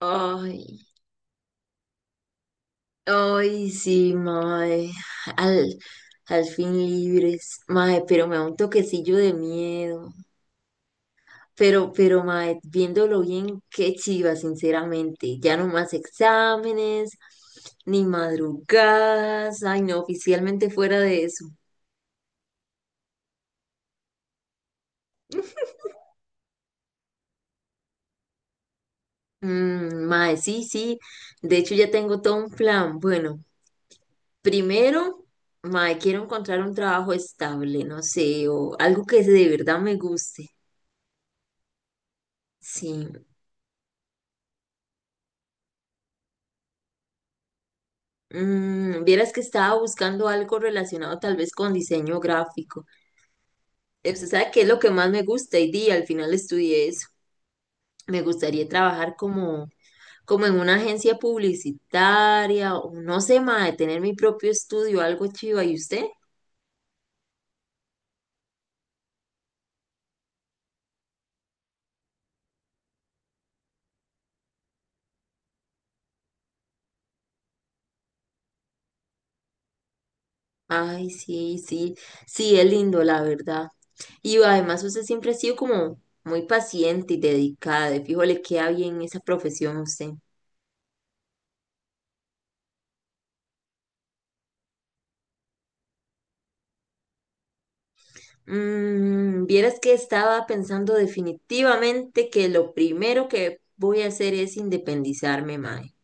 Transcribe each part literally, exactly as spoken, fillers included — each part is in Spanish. Ay, ay, sí, mae. Al, al fin libres, mae, pero me da un toquecillo de miedo. Pero, pero, mae, viéndolo bien, qué chiva, sinceramente. Ya no más exámenes, ni madrugadas. Ay, no, oficialmente fuera de eso. Mm, mae, sí, sí. De hecho, ya tengo todo un plan. Bueno, primero, mae, quiero encontrar un trabajo estable, no sé, o algo que de verdad me guste. Sí. Mm, vieras que estaba buscando algo relacionado tal vez con diseño gráfico. Eh, Usted sabe qué es lo que más me gusta y di, al final estudié eso. Me gustaría trabajar como, como en una agencia publicitaria o no sé, mae, tener mi propio estudio, algo chiva. ¿Y usted? Ay, sí, sí, sí, es lindo, la verdad. Y además usted siempre ha sido como muy paciente y dedicada. De fijo le queda bien esa profesión a usted. Mm, vieras que estaba pensando definitivamente que lo primero que voy a hacer es independizarme, mae.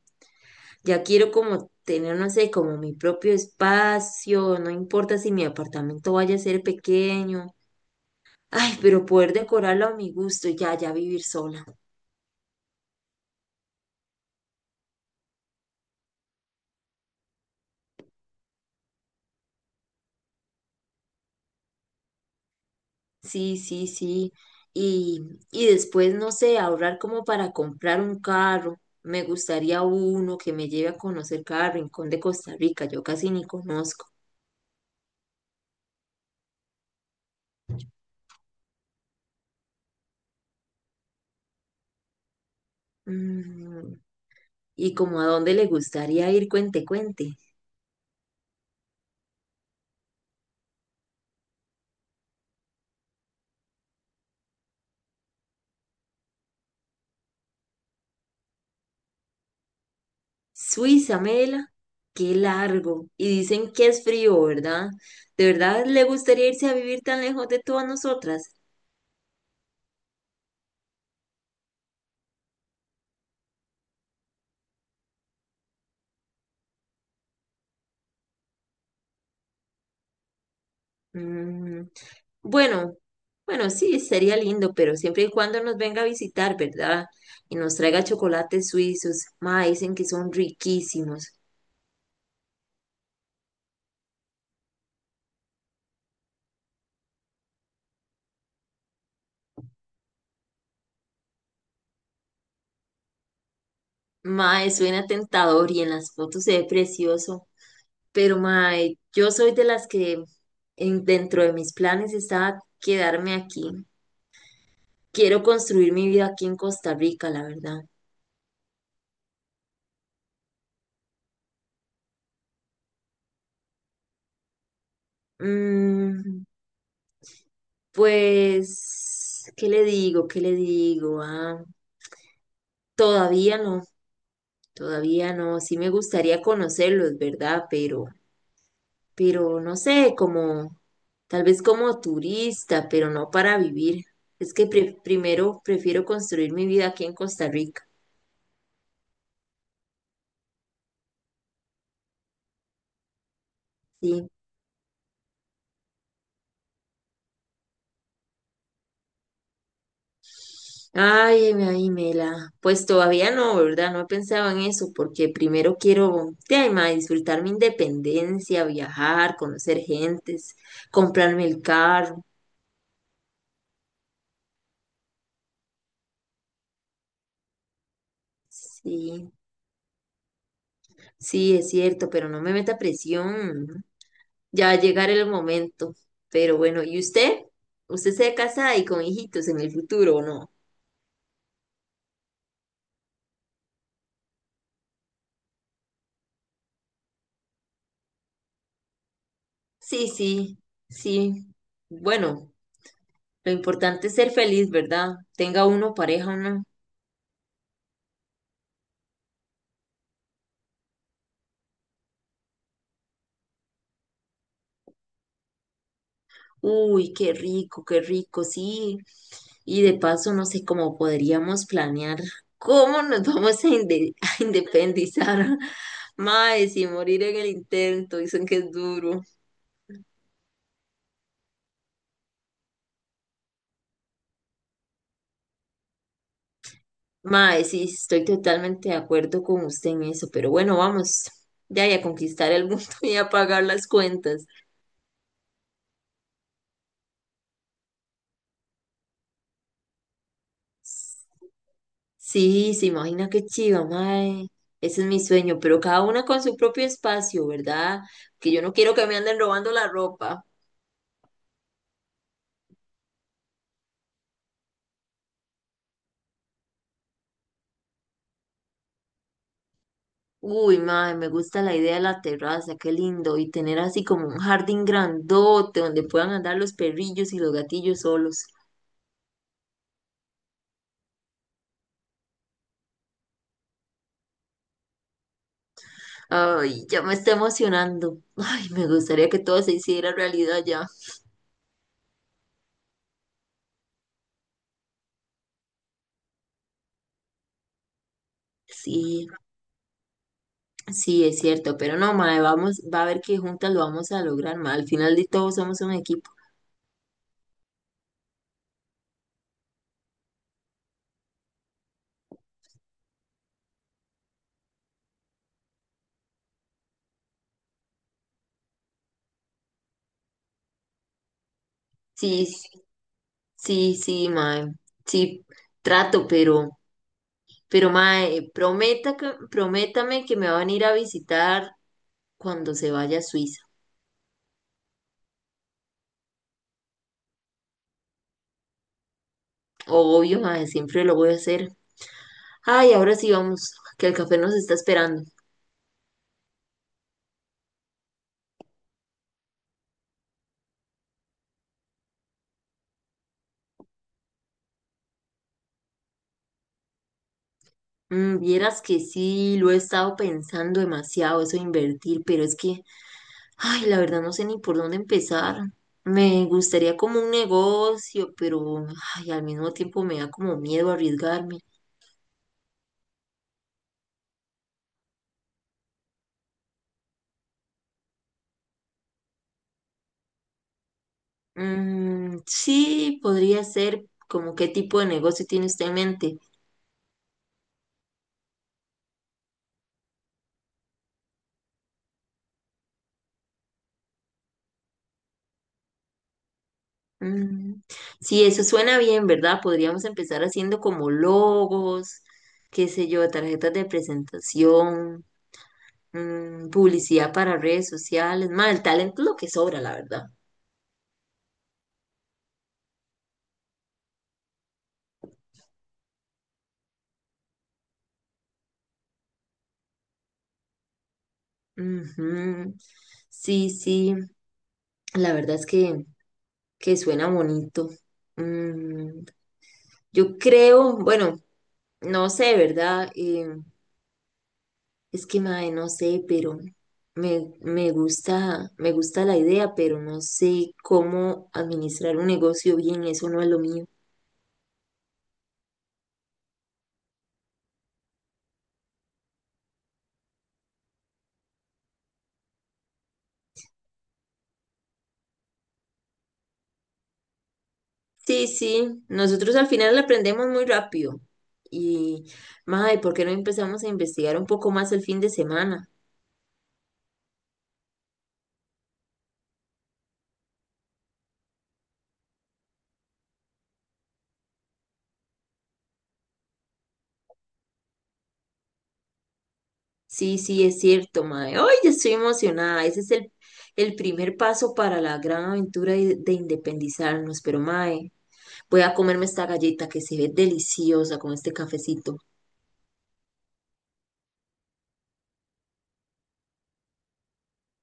Ya quiero como tener, no sé, como mi propio espacio, no importa si mi apartamento vaya a ser pequeño. Ay, pero poder decorarlo a mi gusto, y ya, ya vivir sola. Sí, sí, sí. Y, y después, no sé, ahorrar como para comprar un carro. Me gustaría uno que me lleve a conocer cada rincón de Costa Rica, yo casi ni conozco. Mm, ¿Y como a dónde le gustaría ir? Cuente, cuente. Suiza, Mela, qué largo. Y dicen que es frío, ¿verdad? ¿De verdad le gustaría irse a vivir tan lejos de todas nosotras? Mm, bueno, bueno, sí, sería lindo, pero siempre y cuando nos venga a visitar, ¿verdad? Y nos traiga chocolates suizos. Ma, dicen que son riquísimos. Ma, suena tentador y en las fotos se ve precioso. Pero, mae, yo soy de las que en- dentro de mis planes está quedarme aquí. Quiero construir mi vida aquí en Costa Rica, la verdad. Mm, pues, ¿qué le digo? ¿Qué le digo? Ah, todavía no, todavía no. Sí me gustaría conocerlos, ¿verdad? Pero, pero no sé, como tal vez como turista, pero no para vivir. Es que pre- primero prefiero construir mi vida aquí en Costa Rica. Sí. Ay, me- ay, Mela. Pues todavía no, ¿verdad? No he pensado en eso porque primero quiero, de ay, ma, disfrutar mi independencia, viajar, conocer gentes, comprarme el carro. Sí, sí, es cierto, pero no me meta presión. Ya va a llegar el momento. Pero bueno, ¿y usted? ¿Usted se casa y con hijitos en el futuro o no? Sí, sí, sí. Bueno, lo importante es ser feliz, ¿verdad? Tenga uno pareja o no. Uy, qué rico, qué rico, sí. Y de paso, no sé cómo podríamos planear cómo nos vamos a, inde- a independizar. Mae, sin morir en el intento, dicen que es duro. Mae, sí, estoy totalmente de acuerdo con usted en eso, pero bueno, vamos ya y a conquistar el mundo y a pagar las cuentas. Sí, se imagina qué chiva, mae. Ese es mi sueño, pero cada una con su propio espacio, ¿verdad? Que yo no quiero que me anden robando la ropa. Uy, mae, me gusta la idea de la terraza, qué lindo. Y tener así como un jardín grandote donde puedan andar los perrillos y los gatillos solos. Ay, ya me está emocionando. Ay, me gustaría que todo se hiciera realidad ya. Sí, sí, es cierto, pero no, mae, vamos, va a ver que juntas lo vamos a lograr, mae. Al final de todo somos un equipo. Sí, sí, sí, sí, mae. Sí, trato, pero, pero mae, eh, prometa que, prométame que me van a ir a visitar cuando se vaya a Suiza. Obvio, mae, siempre lo voy a hacer. Ay, ahora sí vamos, que el café nos está esperando. Mm, vieras que sí, lo he estado pensando demasiado, eso de invertir, pero es que, ay, la verdad no sé ni por dónde empezar. Me gustaría como un negocio, pero, ay, al mismo tiempo me da como miedo arriesgarme. Mm, sí, podría ser como qué tipo de negocio tiene usted en mente. Mm, sí, eso suena bien, ¿verdad? Podríamos empezar haciendo como logos, qué sé yo, tarjetas de presentación, mm, publicidad para redes sociales. Más, el talento es lo que sobra, la verdad. Ujú. Sí, sí, la verdad es que, que suena bonito. Mm, yo creo, bueno, no sé, ¿verdad? Eh, Es que, mae, no sé, pero me, me gusta, me gusta la idea, pero no sé cómo administrar un negocio bien, eso no es lo mío. Sí, sí, nosotros al final aprendemos muy rápido. Y, mae, ¿por qué no empezamos a investigar un poco más el fin de semana? Sí, sí, es cierto, mae. Hoy ya estoy emocionada. Ese es el, el primer paso para la gran aventura de, de independizarnos. Pero, mae, voy a comerme esta galleta que se ve deliciosa con este cafecito.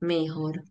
Mejor.